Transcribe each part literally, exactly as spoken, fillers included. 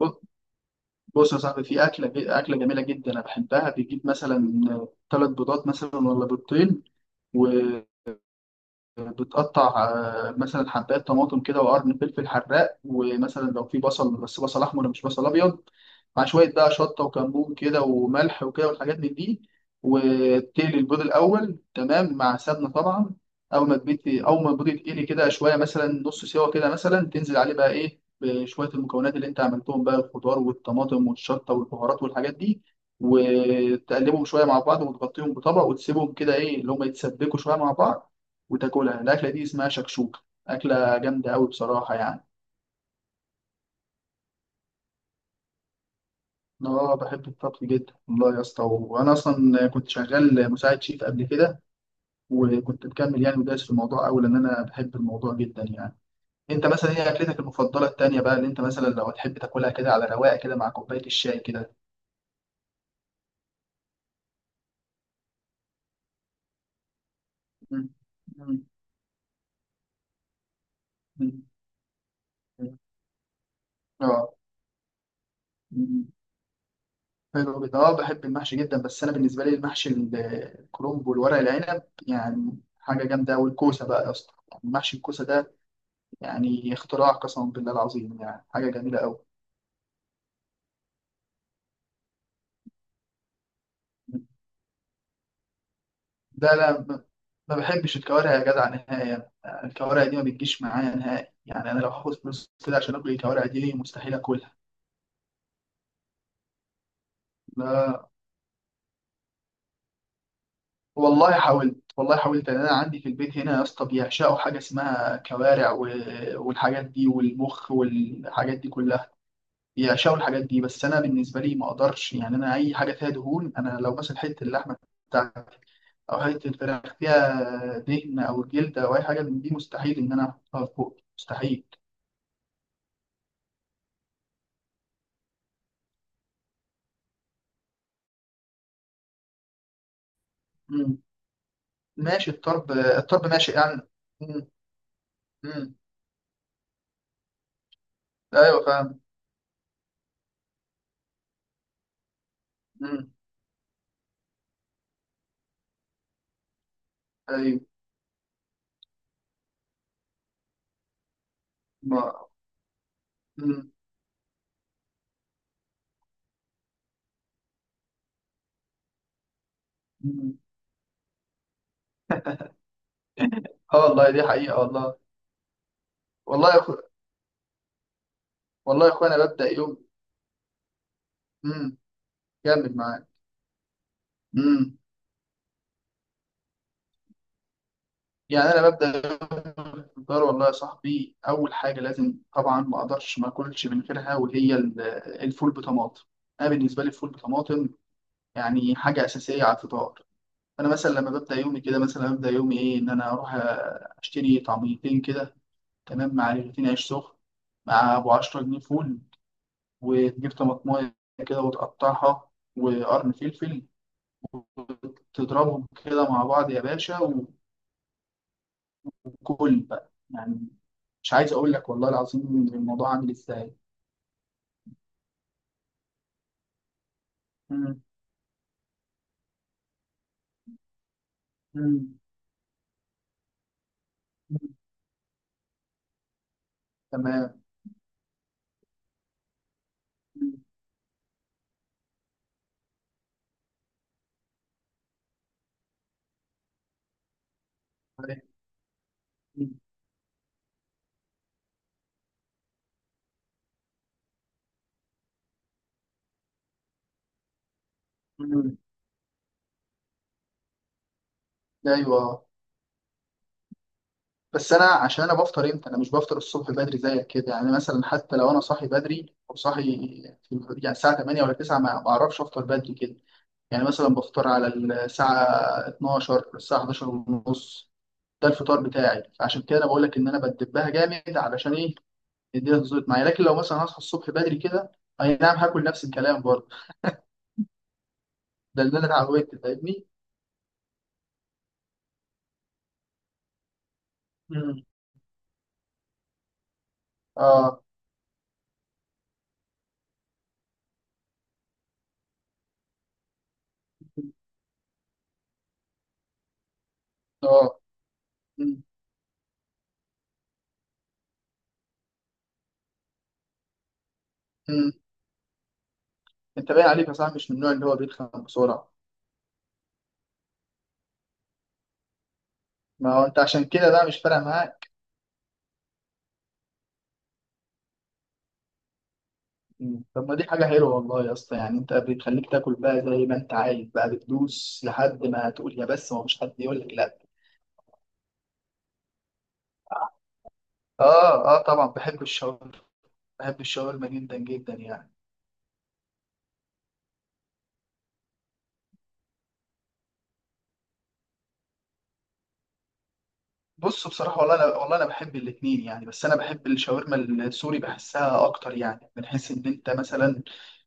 ب- بص يا صاحبي، في أكلة أكلة جميلة جدا أنا بحبها. بتجيب مثلا ثلاث بيضات مثلا ولا بيضتين، و... بتقطع آه، مثلا حبايه طماطم كده وقرن فلفل حراق، ومثلا لو في بصل، بس بصل احمر مش بصل ابيض، مع شويه بقى شطه وكمون كده وملح وكده والحاجات من دي. وتقلي البيض الاول، تمام، مع سمنه طبعا. اول ما البيض اول ما البيض يتقلي كده شويه، مثلا نص سوا كده، مثلا تنزل عليه بقى ايه، بشويه المكونات اللي انت عملتهم بقى، الخضار والطماطم والشطه والبهارات والحاجات دي، وتقلبهم شويه مع بعض، وتغطيهم بطبق وتسيبهم كده ايه اللي هم يتسبكوا شويه مع بعض، وتاكلها. الاكله دي اسمها شكشوكه، اكله جامده قوي بصراحه يعني. أنا اه بحب الطبخ جدا والله يا اسطى، وانا اصلا كنت شغال مساعد شيف قبل كده، وكنت مكمل يعني ودايس في الموضوع قوي لان انا بحب الموضوع جدا يعني. انت مثلا ايه اكلتك المفضله التانيه بقى، اللي انت مثلا لو تحب تاكلها كده على رواقه كده مع كوبايه الشاي كده؟ مم. مم. مم. اه. مم. حلو جدا، اه بحب المحشي جدا، بس انا بالنسبه لي المحشي ال- الكرنب والورق العنب يعني حاجه جامده، والكوسه بقى يا اسطى، محشي الكوسه ده يعني اختراع، قسما بالله العظيم يعني حاجة جميلة أوي. ده أنا ب- ما بحبش الكوارع يا جدع نهائي، يعني الكوارع دي ما بتجيش معايا نهائي، يعني أنا لو هاخد فلوس كده عشان آكل الكوارع دي مستحيل آكلها. لا، والله حاولت والله حاولت، يعني أنا عندي في البيت هنا يا اسطى بيعشقوا حاجة اسمها كوارع و... والحاجات دي والمخ والحاجات دي كلها، بيعشقوا الحاجات دي. بس أنا بالنسبة لي ما أقدرش، يعني أنا أي حاجة فيها دهون، أنا لو مثلا حتة اللحمة بتاعت او حته الفراخ فيها دهن او جلد او اي حاجه من دي، مستحيل ان انا احطها في بوقي، مستحيل. مم. ماشي، الطرب الطرب ماشي يعني. مم. مم. ايوه فاهم. مم. ايوه. ما. مم. مم. اه والله دي حقيقه والله. والله يا اخو، والله يا اخويا انا ببدا يوم. مم. كمل معايا. مم. يعني انا ببدا يوم الفطار، والله يا صاحبي اول حاجه لازم طبعا، ما اقدرش ما اكلش من غيرها، وهي ال- الفول بطماطم. انا بالنسبه لي الفول بطماطم يعني حاجة أساسية على الفطار. أنا مثلا لما ببدأ يومي كده، مثلا ببدأ يومي إيه، إن أنا أروح آه، أشتري طعميتين كده تمام، مع رغيفين عيش سخن، مع أبو عشرة جنيه فول، وتجيب طماطماية كده وتقطعها، وقرن فلفل، وتضربهم كده مع بعض يا باشا، وكل بقى يعني. مش عايز أقول لك والله العظيم الموضوع عامل إزاي. مم. مم. مم. تمام. مم. طيب. مم. مم. أيوه. بس انا عشان انا بفطر امتى، انا مش بفطر الصبح بدري زيك كده، يعني مثلا حتى لو انا صاحي بدري او صاحي في يعني الساعه تمانية ولا التاسعة، ما ما بعرفش افطر بدري كده، يعني مثلا بفطر على الساعه اتناشر، الساعه حداشر ونص، ده الفطار بتاعي. عشان كده انا بقول لك ان انا بدبها جامد علشان ايه الدنيا تظبط معايا، لكن لو مثلا هصحى الصبح بدري كده، اي نعم هاكل نفس الكلام برضه، ده اللي انا اتعودت، فاهمني؟ مم. اه اه. مم. مم. انت باين عليك يا صاحبي مش من النوع اللي هو بيتخن بسرعه. ما هو انت عشان كده بقى مش فارق معاك. مم. طب ما دي حاجة حلوة والله يا اسطى، يعني انت بتخليك تاكل بقى زي ما انت عايز بقى، بتدوس لحد ما تقول يا بس، ما فيش حد يقول لك لا. اه. اه طبعا بحب الشاورما، بحب الشاورما جدا جدا يعني. بص بصراحة والله انا، والله انا بحب الاتنين يعني، بس انا بحب الشاورما السوري بحسها اكتر، يعني بنحس ان انت مثلا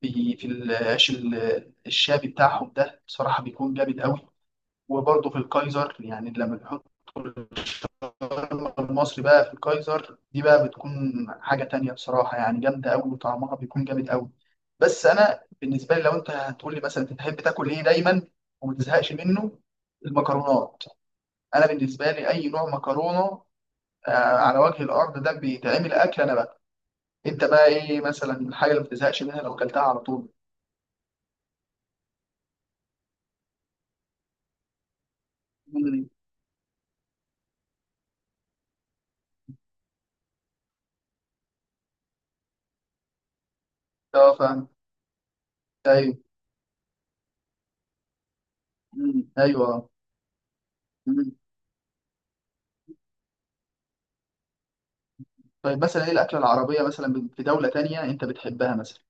في في العيش ال- الشابي بتاعهم ده بصراحة بيكون جامد قوي. وبرضه في الكايزر، يعني لما بيحط المصري بقى في الكايزر دي بقى، بتكون حاجة تانية بصراحة يعني، جامدة أوي وطعمها بيكون جامد أوي. بس أنا بالنسبة لي لو أنت هتقول لي مثلا أنت تحب تاكل إيه دايما وما تزهقش منه، المكرونات. أنا بالنسبة لي أي نوع مكرونة آه، على وجه الأرض ده بيتعمل أكل أنا بقى. أنت بقى إيه مثلا الحاجة اللي ما بتزهقش منها لو أكلتها على طول؟ مم. أه فاهم. أيوه. مم. أيوه. مم. طيب مثلا إيه الأكلة العربية مثلا في دولة تانية أنت بتحبها مثلا؟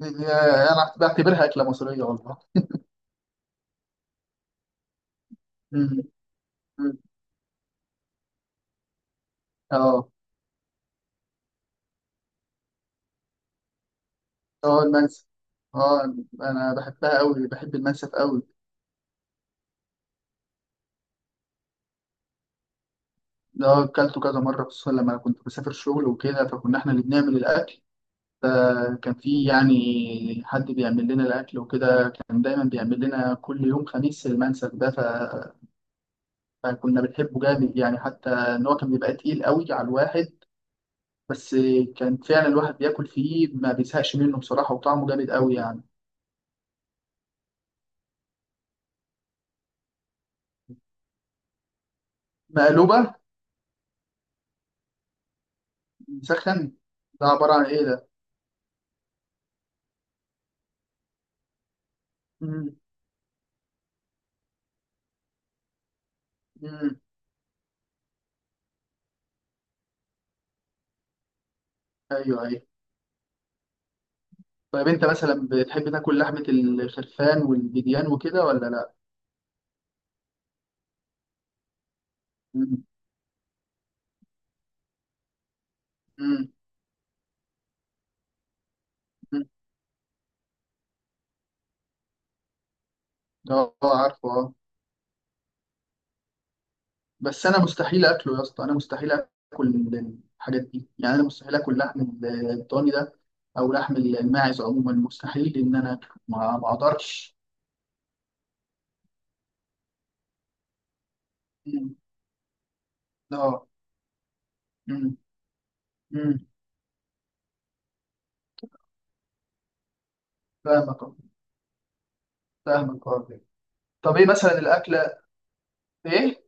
يا- انا بعتبرها اكله مصريه والله. مم. مم. اه. اه المنسف، اه انا بحبها قوي، بحب المنسف قوي. ده اكلته كذا مره، خصوصا لما كنت بسافر شغل وكده، فكنا احنا اللي بنعمل الاكل. فكان في يعني حد بيعمل لنا الاكل وكده، كان دايما بيعمل لنا كل يوم خميس المنسف ده، ف- فكنا بنحبه جامد، يعني حتى ان هو كان بيبقى تقيل قوي على الواحد، بس كان فعلا الواحد بياكل فيه ما بيزهقش منه بصراحه، وطعمه جامد قوي يعني. مقلوبه. مسخن. ده عبارة عن إيه ده؟ مم. مم. أيوه أيوه. طيب أنت مثلا بتحب تاكل لحمة الخرفان والبيديان وكده ولا لأ؟ مم. مم. مم. أه. آه، عارفه أه. بس أنا مستحيل أكله يا اسطى، أنا مستحيل أكل الحاجات دي، يعني أنا مستحيل أكل لحم ال- الضاني ده، أو لحم الماعز عموما، مستحيل إن أنا أكله، ما ما أقدرش. مم. أه. مم. مم. فاهمك أه. فاهمك أه. طب إيه مثلا الأكلة؟ إيه؟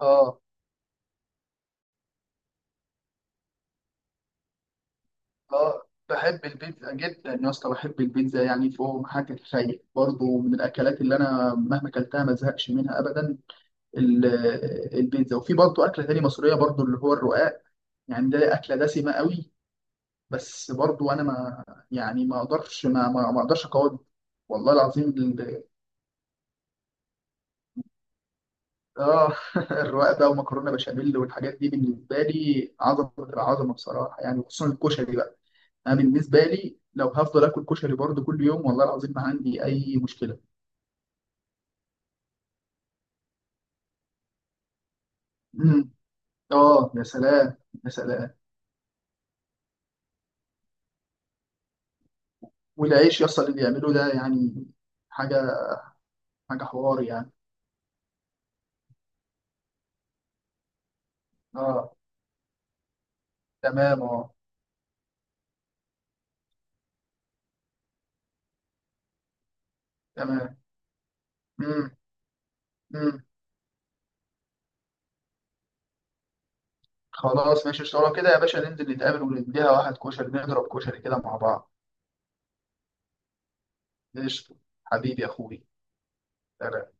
أه. اه بحب البيتزا جدا يا اسطى، بحب البيتزا يعني فوق ما حد يتخيل، برضه من الاكلات اللي انا مهما اكلتها ما زهقش منها ابدا، ال- البيتزا. وفي برضه اكله تاني مصريه برضه اللي هو الرقاق، يعني ده اكله دسمه قوي، بس برضه انا ما يعني ما اقدرش ما ما ما اقدرش اقاوم والله العظيم ال- اه، الرقاق بقى ومكرونه بشاميل والحاجات دي بالنسبه لي عظمه، عظمه بصراحه يعني. خصوصا الكشري بقى، انا بالنسبه لي لو هفضل اكل كشري برضو كل يوم والله العظيم ما عندي اي مشكله. امم. اه يا سلام، يا سلام. والعيش يصل اللي بيعمله ده يعني، حاجه، حاجه حوار يعني. اه. تمام اه. تمام. امم. امم. خلاص ماشي، اشتغل كده يا باشا، ننزل نتقابل ونديها واحد كشري، نضرب كشري كده مع بعض. قشطه. حبيبي يا اخوي. سلام.